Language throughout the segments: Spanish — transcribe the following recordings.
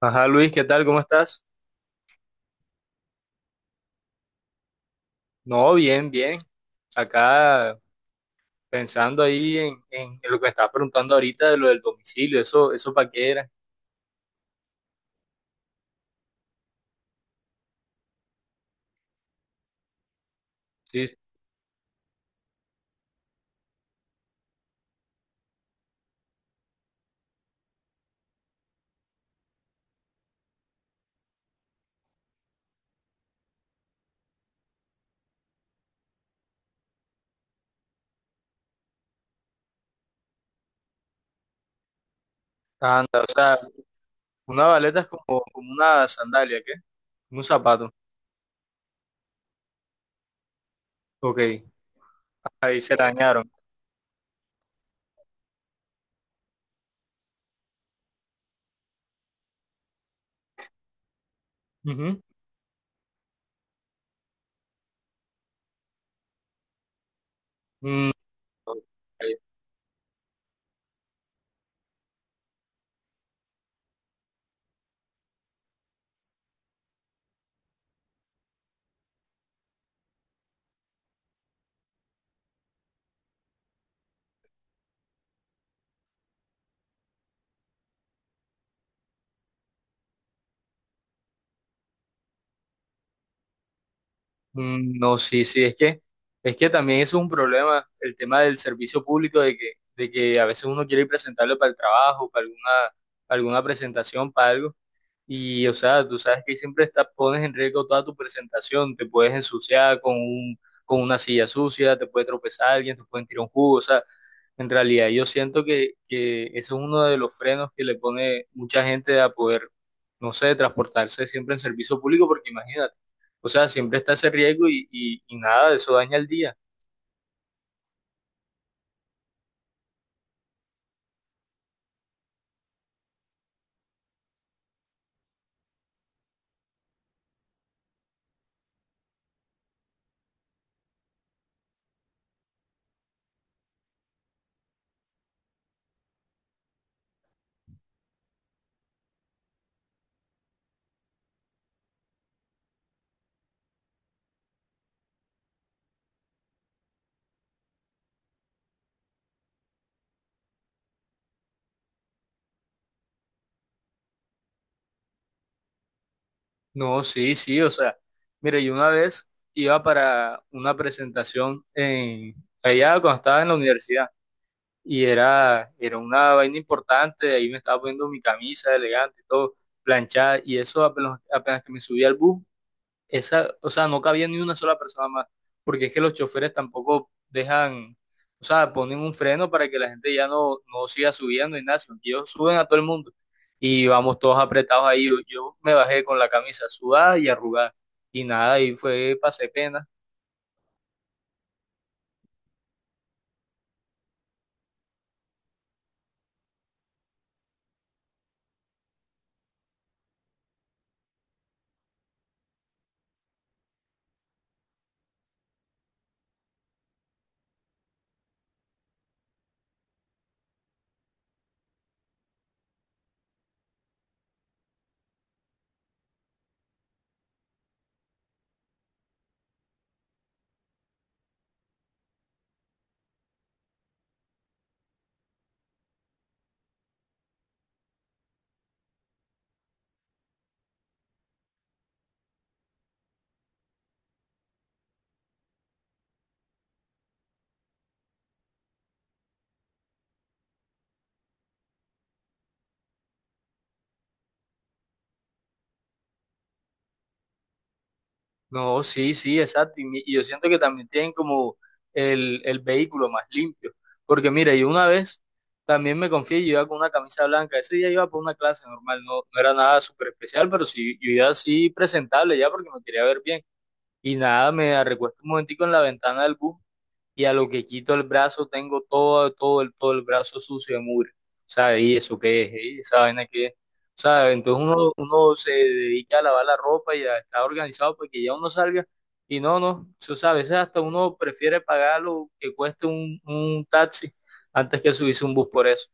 Ajá, Luis, ¿qué tal? ¿Cómo estás? No, bien, bien. Acá pensando ahí en lo que me estabas preguntando ahorita de lo del domicilio, eso para qué era. Sí, sí. Anda, o sea, una baleta es como una sandalia, ¿qué? Un zapato. Ok, ahí se dañaron. Ujú. Mm, ok. Mm, no, sí, sí, es que también eso es un problema, el tema del servicio público, de que a veces uno quiere ir presentable para el trabajo, para alguna, alguna presentación, para algo. Y, o sea, tú sabes que pones en riesgo toda tu presentación, te puedes ensuciar con una silla sucia, te puede tropezar alguien, te pueden tirar un jugo, o sea, en realidad yo siento que ese es uno de los frenos que le pone mucha gente a poder, no sé, transportarse siempre en servicio público, porque imagínate, o sea, siempre está ese riesgo y nada, eso daña el día. No, sí, sí, o sea, mira, yo una vez iba para una presentación en, allá cuando estaba en la universidad. Y era una vaina importante, ahí me estaba poniendo mi camisa elegante, todo planchada, y eso apenas, apenas que me subí al bus, esa, o sea, no cabía ni una sola persona más, porque es que los choferes tampoco dejan, o sea, ponen un freno para que la gente no siga subiendo y nada, sino que ellos suben a todo el mundo y vamos todos apretados ahí, yo me bajé con la camisa sudada y arrugada, y nada, y fue, pasé pena. No, sí, sí, exacto. Y yo siento que también tienen como el vehículo más limpio. Porque mira, yo una vez también me confié, yo iba con una camisa blanca. Ese día iba por una clase normal, no era nada súper especial, pero sí, yo iba así presentable ya porque me quería ver bien. Y nada, me recuesto un momentico en la ventana del bus y a lo que quito el brazo tengo todo el brazo sucio de mugre. ¿Sabes? ¿Y eso qué es? ¿Y esa vaina qué es? ¿Sabes? Entonces uno se dedica a lavar la ropa y a estar organizado porque ya uno salga. Y no, no, eso, ¿sabes? A veces hasta uno prefiere pagar lo que cueste un taxi antes que subirse un bus por eso.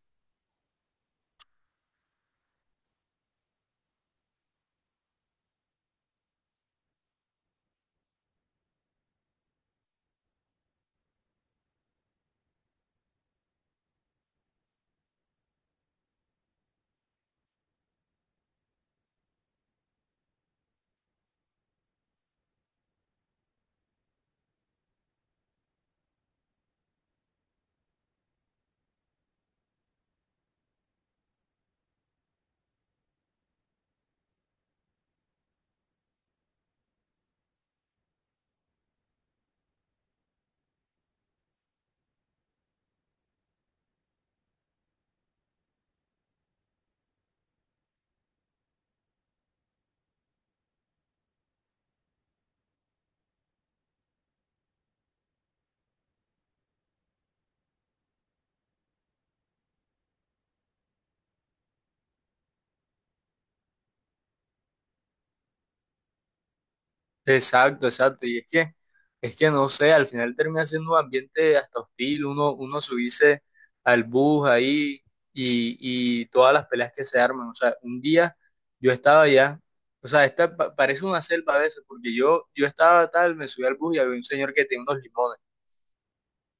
Exacto, exacto. Y es que no sé, al final termina siendo un ambiente hasta hostil, uno subirse al bus ahí y, y todas las peleas que se arman. O sea, un día yo estaba allá, o sea, parece una selva a veces, porque yo estaba tal, me subí al bus y había un señor que tenía unos limones.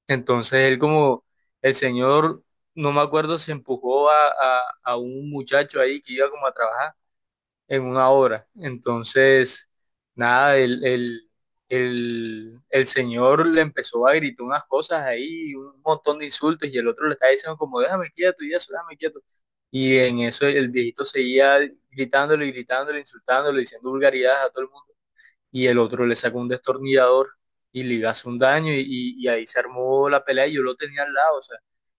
Entonces él como, el señor, no me acuerdo si empujó a un muchacho ahí que iba como a trabajar en una hora. Entonces, nada, el señor le empezó a gritar unas cosas ahí, un montón de insultos, y el otro le estaba diciendo como, déjame quieto y eso, déjame quieto. Y en eso el viejito seguía gritándole, gritándole, insultándole, diciendo vulgaridades a todo el mundo y el otro le saca un destornillador y le hace un daño y ahí se armó la pelea y yo lo tenía al lado, o sea,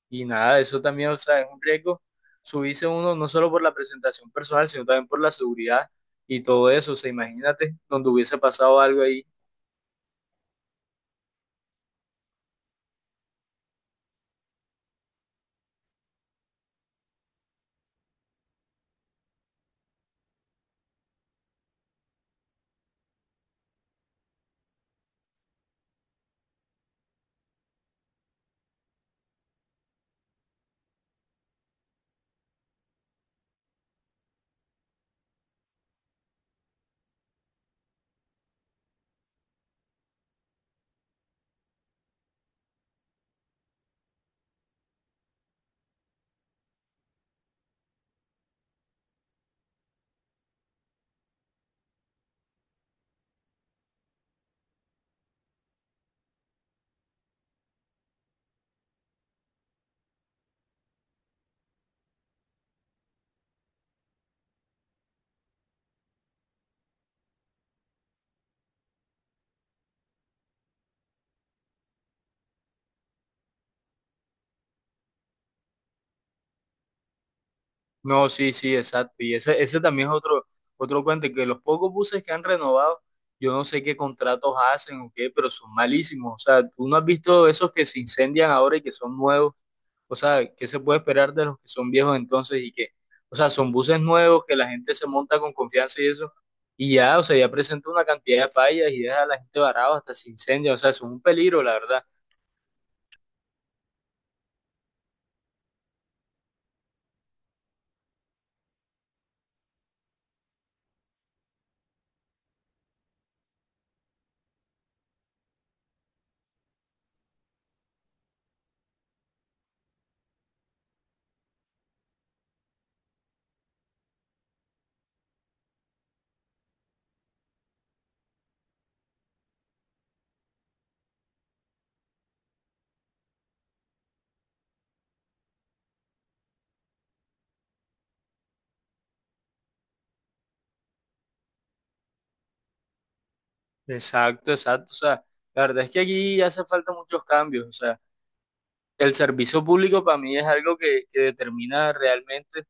y nada, eso también, o sea, es un riesgo subirse uno no solo por la presentación personal, sino también por la seguridad y todo eso, o sea, imagínate donde hubiese pasado algo ahí. No, sí, sí, exacto, ese también es otro, otro cuento, que los pocos buses que han renovado, yo no sé qué contratos hacen o qué, pero son malísimos, o sea, tú no has visto esos que se incendian ahora y que son nuevos. O sea, ¿qué se puede esperar de los que son viejos entonces y que, o sea, son buses nuevos que la gente se monta con confianza y eso, y ya, o sea, ya presenta una cantidad de fallas y deja a la gente varada hasta se incendia, o sea, eso es un peligro, la verdad. Exacto, exacto, o sea, la verdad es que aquí hace falta muchos cambios, o sea. El servicio público para mí es algo que determina realmente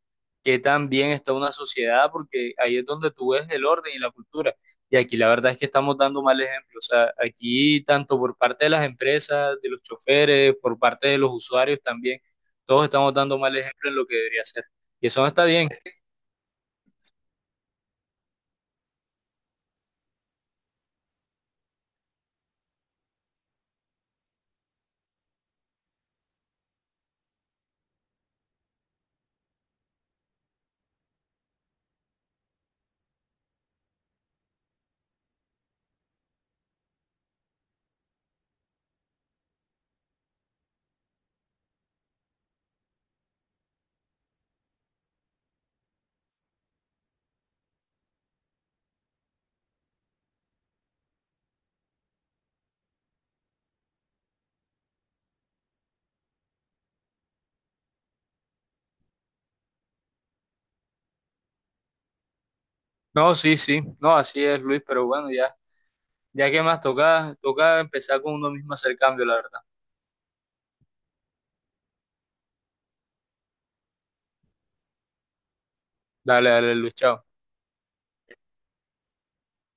qué tan bien está una sociedad, porque ahí es donde tú ves el orden y la cultura. Y aquí la verdad es que estamos dando mal ejemplo. O sea, aquí tanto por parte de las empresas, de los choferes, por parte de los usuarios también, todos estamos dando mal ejemplo en lo que debería ser. Y eso no está bien. No, sí, sí, no, así es, Luis, pero bueno, ya, ya que más toca, toca empezar con uno mismo a hacer cambio, la verdad. Dale, dale, Luis, chao.